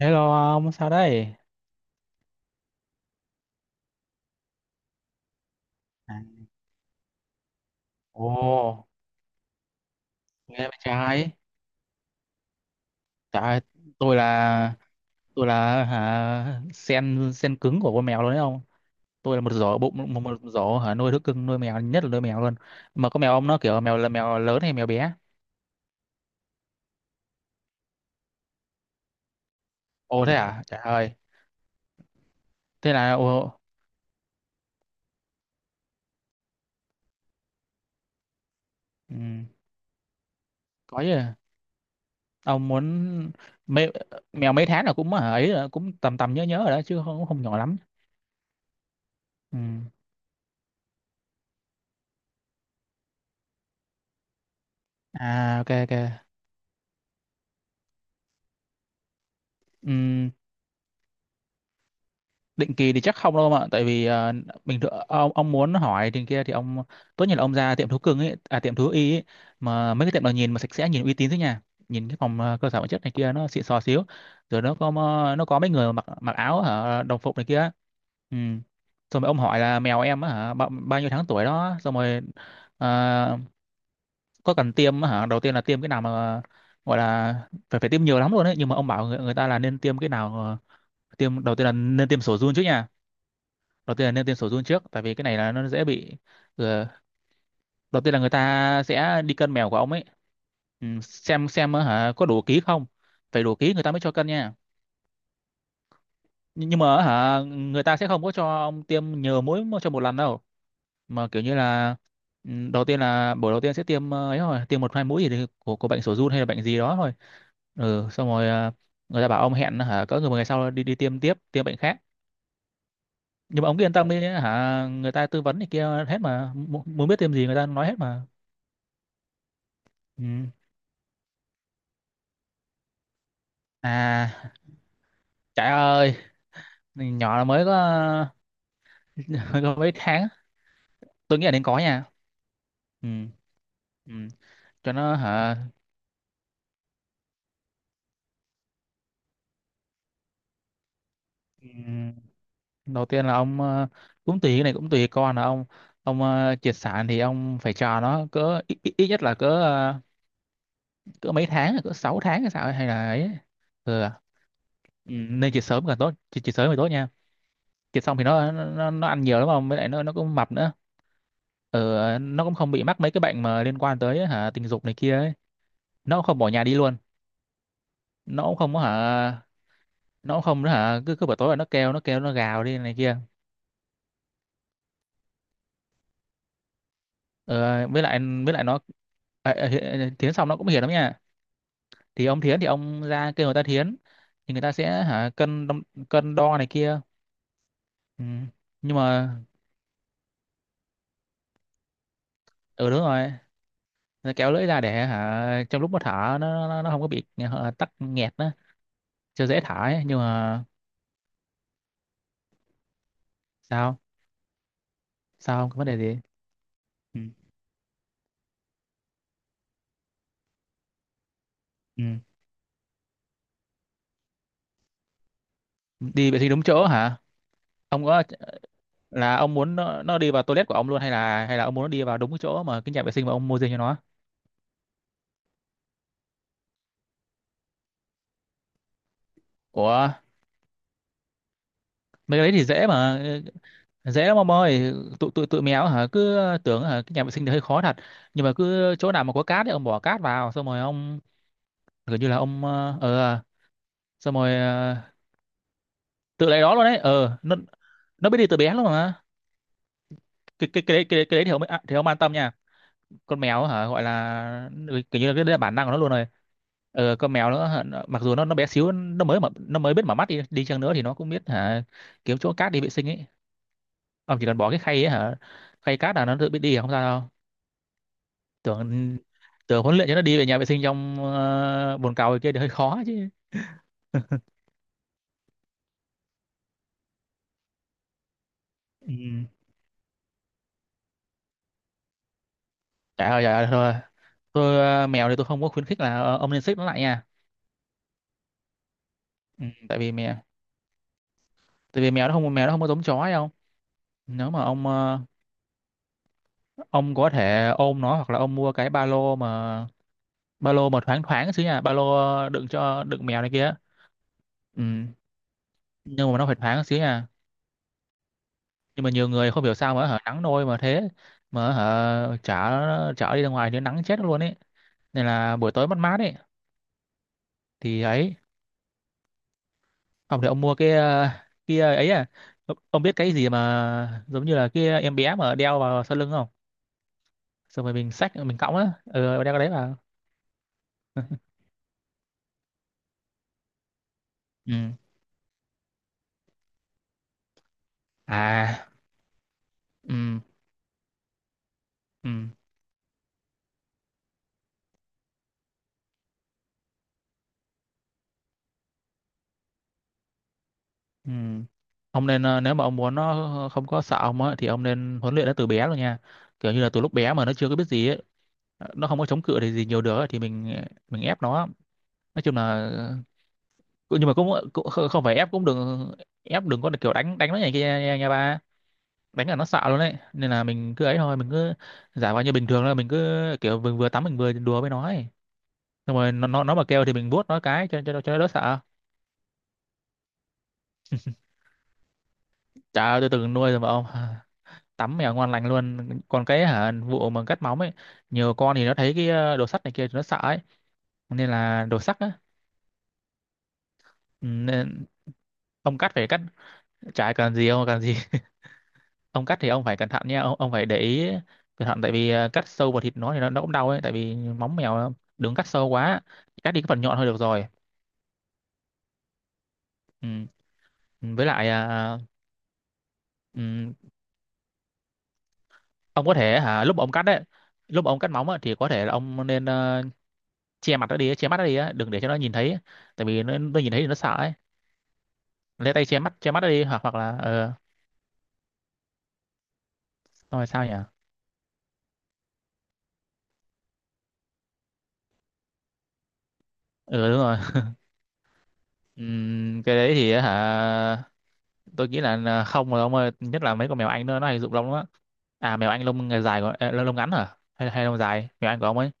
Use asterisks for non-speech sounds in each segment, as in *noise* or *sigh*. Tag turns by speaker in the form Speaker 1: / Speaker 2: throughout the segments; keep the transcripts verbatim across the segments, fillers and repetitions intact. Speaker 1: Hello ông, sao đây? À, ồ, nghe bên trai. Tại tôi là tôi là hả sen sen cứng của con mèo luôn đấy ông. Tôi là một giỏ bụng một, một giỏ hả nuôi thú cưng nuôi mèo nhất là nuôi mèo luôn. Mà có mèo ông nó kiểu mèo là mèo lớn hay mèo bé? Ồ thế à? Trời ơi. Thế là ồ, ừ, có gì? Ông muốn mê, mèo mấy tháng là cũng hả ấy là cũng tầm tầm nhớ nhớ rồi đó chứ không không nhỏ lắm. Ừ. À, ok ok. Ừ. Định kỳ thì chắc không đâu mà tại vì ờ, bình thường ông ông muốn hỏi thì kia thì ông tốt nhất là ông ra tiệm thú cưng ấy à tiệm thú y ấy, mà mấy cái tiệm nào nhìn mà sạch sẽ nhìn uy tín thế nha, nhìn cái phòng ờ, cơ sở vật chất này kia nó xịn sò xíu, rồi nó có ờ, nó có mấy người mặc mặc áo hả đồng phục này kia. Ừ. Xong rồi ông hỏi là mèo em á hả bao, bao nhiêu tháng tuổi đó, xong rồi ờ, có cần tiêm á hả đầu tiên là tiêm cái nào mà gọi là phải phải tiêm nhiều lắm luôn đấy, nhưng mà ông bảo người, người ta là nên tiêm cái nào ờ, tiêm đầu tiên là nên tiêm sổ giun trước nha, đầu tiên là nên tiêm sổ giun trước tại vì cái này là nó dễ bị. ừ, Đầu tiên là người ta sẽ đi cân mèo của ông ấy, ừ, xem xem á hả có đủ ký không, phải đủ ký người ta mới cho cân nha. Nhưng nhưng mà á hả người ta sẽ không có cho ông tiêm nhiều mũi mà cho một lần đâu, mà kiểu như là ừ, đầu tiên là buổi đầu tiên sẽ tiêm ờ, ấy thôi tiêm một hai mũi gì thì của của bệnh sổ giun hay là bệnh gì đó thôi. Ừ xong rồi ờ, người ta bảo ông hẹn hả cỡ người một ngày sau đi đi tiêm tiếp tiêm bệnh khác. Nhưng mà ông cứ yên tâm đi hả người ta tư vấn thì kia hết mà. Mu- muốn biết thêm gì người ta nói hết mà. Ừ. À trời ơi nhỏ là mới có, *laughs* mới có mấy tháng. Tôi nghĩ là nên có nha. Ừ. Ừ. Cho nó hả. Ừ. Đầu tiên là ông ờ, cũng tùy cái này cũng tùy con là ông, ông ờ, triệt sản thì ông phải cho nó cỡ ít, ít, ít nhất là cỡ ờ, cỡ mấy tháng cỡ sáu tháng hay sao ấy, hay là ấy. Ừ. À. Ừ, nên triệt sớm càng tốt, triệt, triệt sớm thì tốt nha. Thịt xong thì nó nó, nó ăn nhiều lắm mà với lại nó nó cũng mập nữa. Ờ nó cũng không bị mắc mấy cái bệnh mà liên quan tới hả tình dục này kia ấy. Nó cũng không bỏ nhà đi luôn. Nó cũng không có hả, nó cũng không hả cứ cứ buổi tối là nó kêu nó kêu nó gào đi này kia. Ờ với lại với lại nó, Ờ, ờ, Hi- à, thiến xong nó cũng hiền lắm nha, thì ông thiến thì ông ra kêu người ta thiến, thì người ta sẽ hả cân đong- cân đo này kia. Ừ. Nhưng mà ừ đúng rồi. Nó kéo lưỡi ra để hả trong lúc mà thở nó nó, nó không có bị hả, tắc nghẹt đó, chưa dễ thả ấy nhưng mà sao, sao không có vấn đề gì. Ừ. Ừ. Đi vệ sinh đúng chỗ hả. Ông có là ông muốn nó, nó đi vào toilet của ông luôn hay là hay là ông muốn nó đi vào đúng cái chỗ mà cái nhà vệ sinh mà ông mua riêng cho nó. của Mấy cái đấy thì dễ mà, dễ lắm ông ơi. Tụi tụi tụi mèo hả cứ tưởng hả cái nhà vệ sinh thì hơi khó thật, nhưng mà cứ chỗ nào mà có cát thì ông bỏ cát vào xong rồi ông gần như là ông ờ ờ, xong rồi ờ, tự lấy đó luôn đấy. Ờ nó nó biết đi từ bé luôn mà. Cái cái cái đấy cái, đấy- cái đấy thì ông à, thì ông an tâm nha, con mèo hả gọi là ừ, kiểu như là cái đấy là bản năng của nó luôn rồi. Ờ, con mèo nữa hả, nó- mặc dù nó nó bé xíu, nó mới mở, nó mới biết mở mắt đi đi chăng nữa thì nó cũng biết hả kiếm chỗ cát đi vệ sinh ấy. Ông chỉ cần bỏ cái khay ấy hả, khay cát là nó tự biết đi à? Không sao đâu. Tưởng Tưởng huấn luyện cho nó đi về nhà vệ sinh trong uh, bồn cầu kia thì hơi khó chứ. Ừ. Trời ơi trời ơi thôi, tôi ờ, mèo thì tôi không có khuyến khích là ờ, ông nên xích nó lại nha. Ừ, tại vì mèo, tại vì mèo nó không, mèo nó không có giống chó hay không. Nếu mà ông ờ, ông có thể ôm nó hoặc là ông mua cái ba lô mà, ba lô mà thoáng thoáng xíu nha, ba lô đựng cho đựng mèo này kia. Ừ. Nhưng mà nó phải thoáng xíu nha. Nhưng mà nhiều người không hiểu sao mà hở nắng nôi mà thế, mà hở chở chở đi ra ngoài thì nắng chết luôn ấy, nên là buổi tối mát mát ấy thì ấy. Ông thì ông mua cái ờ, kia ấy à, ông ông biết cái gì mà giống như là kia em bé mà đeo vào sau lưng không? Xong rồi mình xách mình cõng á ừ, đeo cái đấy vào. Ừ. À. Ừ. Ừ. Ừ. Ông nên ờ, nếu mà ông muốn nó ờ, ờ, không có sợ ông á thì ông nên huấn luyện nó từ bé rồi nha. Kiểu như là từ lúc bé mà nó chưa có biết gì ấy, ờ, nó không có chống cự thì gì nhiều được ấy, thì mình ờ, mình ép nó. Nói chung là cũng- nhưng mà cũng, ờ, cũng không không phải ép cũng đừng ép, đừng có kiểu đánh đánh nó này kia nha, nha ba. Đánh là nó sợ luôn đấy. Nên là mình cứ ấy thôi, mình cứ giả vờ như bình thường là mình cứ kiểu vừa, vừa tắm mình vừa đùa với nó ấy. Xong rồi nó nó nó mà kêu thì mình vuốt nó cái cho cho cho nó đỡ sợ. Chả tôi từng nuôi rồi mà ông. *laughs* Tắm mèo ngon lành luôn, còn cái hả vụ mà cắt móng ấy, nhiều con thì nó thấy cái ờ, đồ sắt này kia thì nó sợ ấy, nên là đồ sắt á. Ừ, nên ông cắt phải cắt chả cần gì ông cần gì. *laughs* Ông cắt thì ông phải cẩn thận nha ông, ông phải để ý cẩn thận tại vì ờ, cắt sâu vào thịt nó thì nó, nó cũng đau ấy tại vì móng mèo nó- đừng cắt sâu quá, cắt đi cái phần nhọn thôi được rồi. Ừ. Với lại ờ, ừ, ông có thể hả lúc mà ông cắt đấy, lúc mà ông cắt móng á, thì có thể là ông nên ờ, che mặt nó đi, che mắt nó đi á, đừng để cho nó nhìn thấy tại vì nó, nó nhìn thấy thì nó sợ ấy. Lấy tay che mắt che mắt đi hoặc hoặc là ờ xong rồi sao nhỉ. Ừ đúng rồi. Ừm, cái đấy thì hả tôi nghĩ là là không rồi ông ơi, nhất là mấy con mèo anh nữa nó hay rụng lông lắm. À mèo anh lông ngày dài gọi ờ, lông ngắn hả hay hay lông dài mèo anh của ông ấy?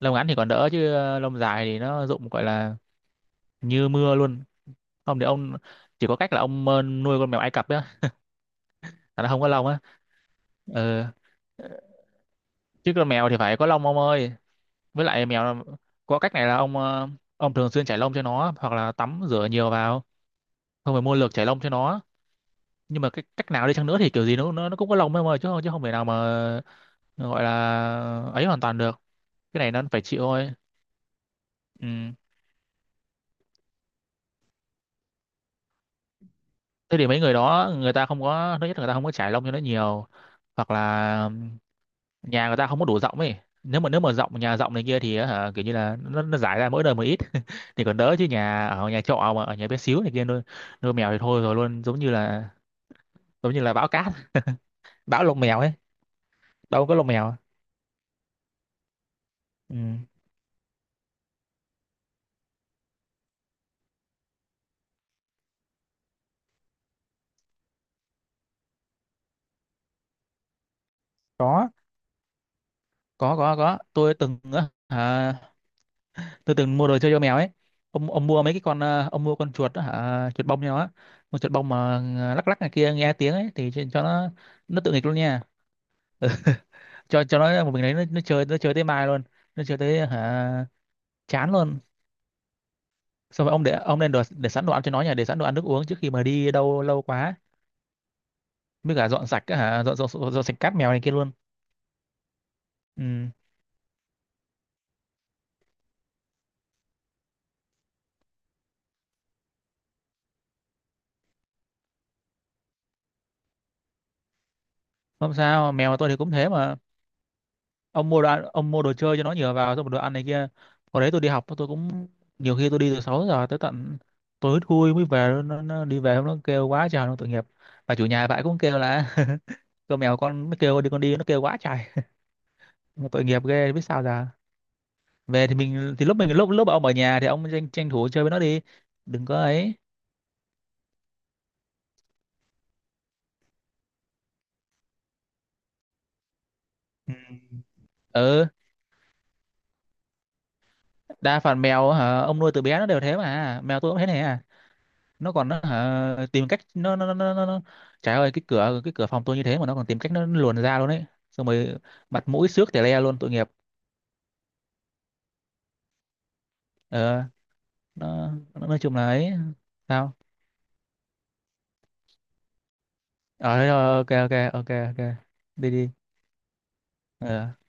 Speaker 1: Lông ngắn thì còn đỡ chứ ờ, lông dài thì nó rụng gọi là như mưa luôn. Không thì ông chỉ có cách là ông ờ, nuôi con mèo Ai Cập á, là nó không có lông á. Ừ. Chứ con mèo thì phải có lông ông ơi, với lại mèo có cách này là ông ờ, ông thường xuyên chải lông cho nó hoặc là tắm rửa nhiều vào, không phải mua lược chảy lông cho nó. Nhưng mà cái cách nào đi chăng nữa thì kiểu gì nó nó, nó cũng có lông em ơi, chứ không chứ không thể nào mà gọi là ấy hoàn toàn được, cái này nó phải chịu thôi. Ừ. Thế thì mấy người đó người ta không có, thứ nhất là người ta không có trải lông cho nó nhiều, hoặc là nhà người ta không có đủ rộng ấy, nếu mà nếu mà rộng, nhà rộng này kia thì hả, kiểu như là nó, nó giải ra mỗi đời một ít *laughs* thì còn đỡ chứ nhà ở nhà trọ mà ở nhà bé xíu này kia nuôi, nuôi mèo thì thôi rồi luôn, giống như là, giống như là bão cát *laughs* bão lông mèo ấy. Đâu có lông mèo. Ừ. Có có có có tôi từng á, à, tôi từng mua đồ chơi cho mèo ấy. Ông ông mua mấy cái con à, ông mua con chuột á, hả chuột bông nhau á, con chuột bông mà à, lắc lắc này kia nghe tiếng ấy thì cho cho nó nó tự nghịch luôn nha. *laughs* Cho cho nó một mình đấy nó, nó chơi nó chơi tới mai luôn, nó chơi tới hả chán luôn. Xong rồi ông để ông nên đồ, để sẵn đồ ăn cho nó nhà, để sẵn đồ ăn nước uống trước khi mà đi đâu lâu quá, mới cả dọn sạch á, hả dọn dọn, dọn, dọn sạch cát mèo này kia luôn. Ừ. Không sao mèo tôi thì cũng thế mà. Ông mua đồ ăn, ông mua đồ chơi cho nó nhiều vào, xong rồi đồ ăn này kia. Hồi đấy tôi đi học tôi cũng nhiều khi tôi đi từ sáu giờ tới tận tối thui mới về, nó, nó đi về nó kêu quá trời nó tội nghiệp, và chủ nhà bạn cũng kêu là *laughs* con mèo con mới kêu đi con đi nó kêu quá trời. Mà tội nghiệp ghê biết sao giờ. Về thì mình thì lúc mình lúc lúc ông ở nhà thì ông tranh, tranh thủ chơi với nó đi, đừng có ấy. Ừ, ừ, đa phần mèo hả ông nuôi từ bé nó đều thế, mà mèo tôi cũng thế này à. Nó còn nó hả, tìm cách nó nó nó nó, nó. nó- trời ơi cái cửa cái cửa phòng tôi như thế mà nó còn tìm cách nó luồn ra luôn đấy, xong rồi mặt mũi xước tè le luôn tội nghiệp. Ờ nó, nó nói chung là ấy sao. Ờ thế rồi, ok ok ok, ok đi đi ờ.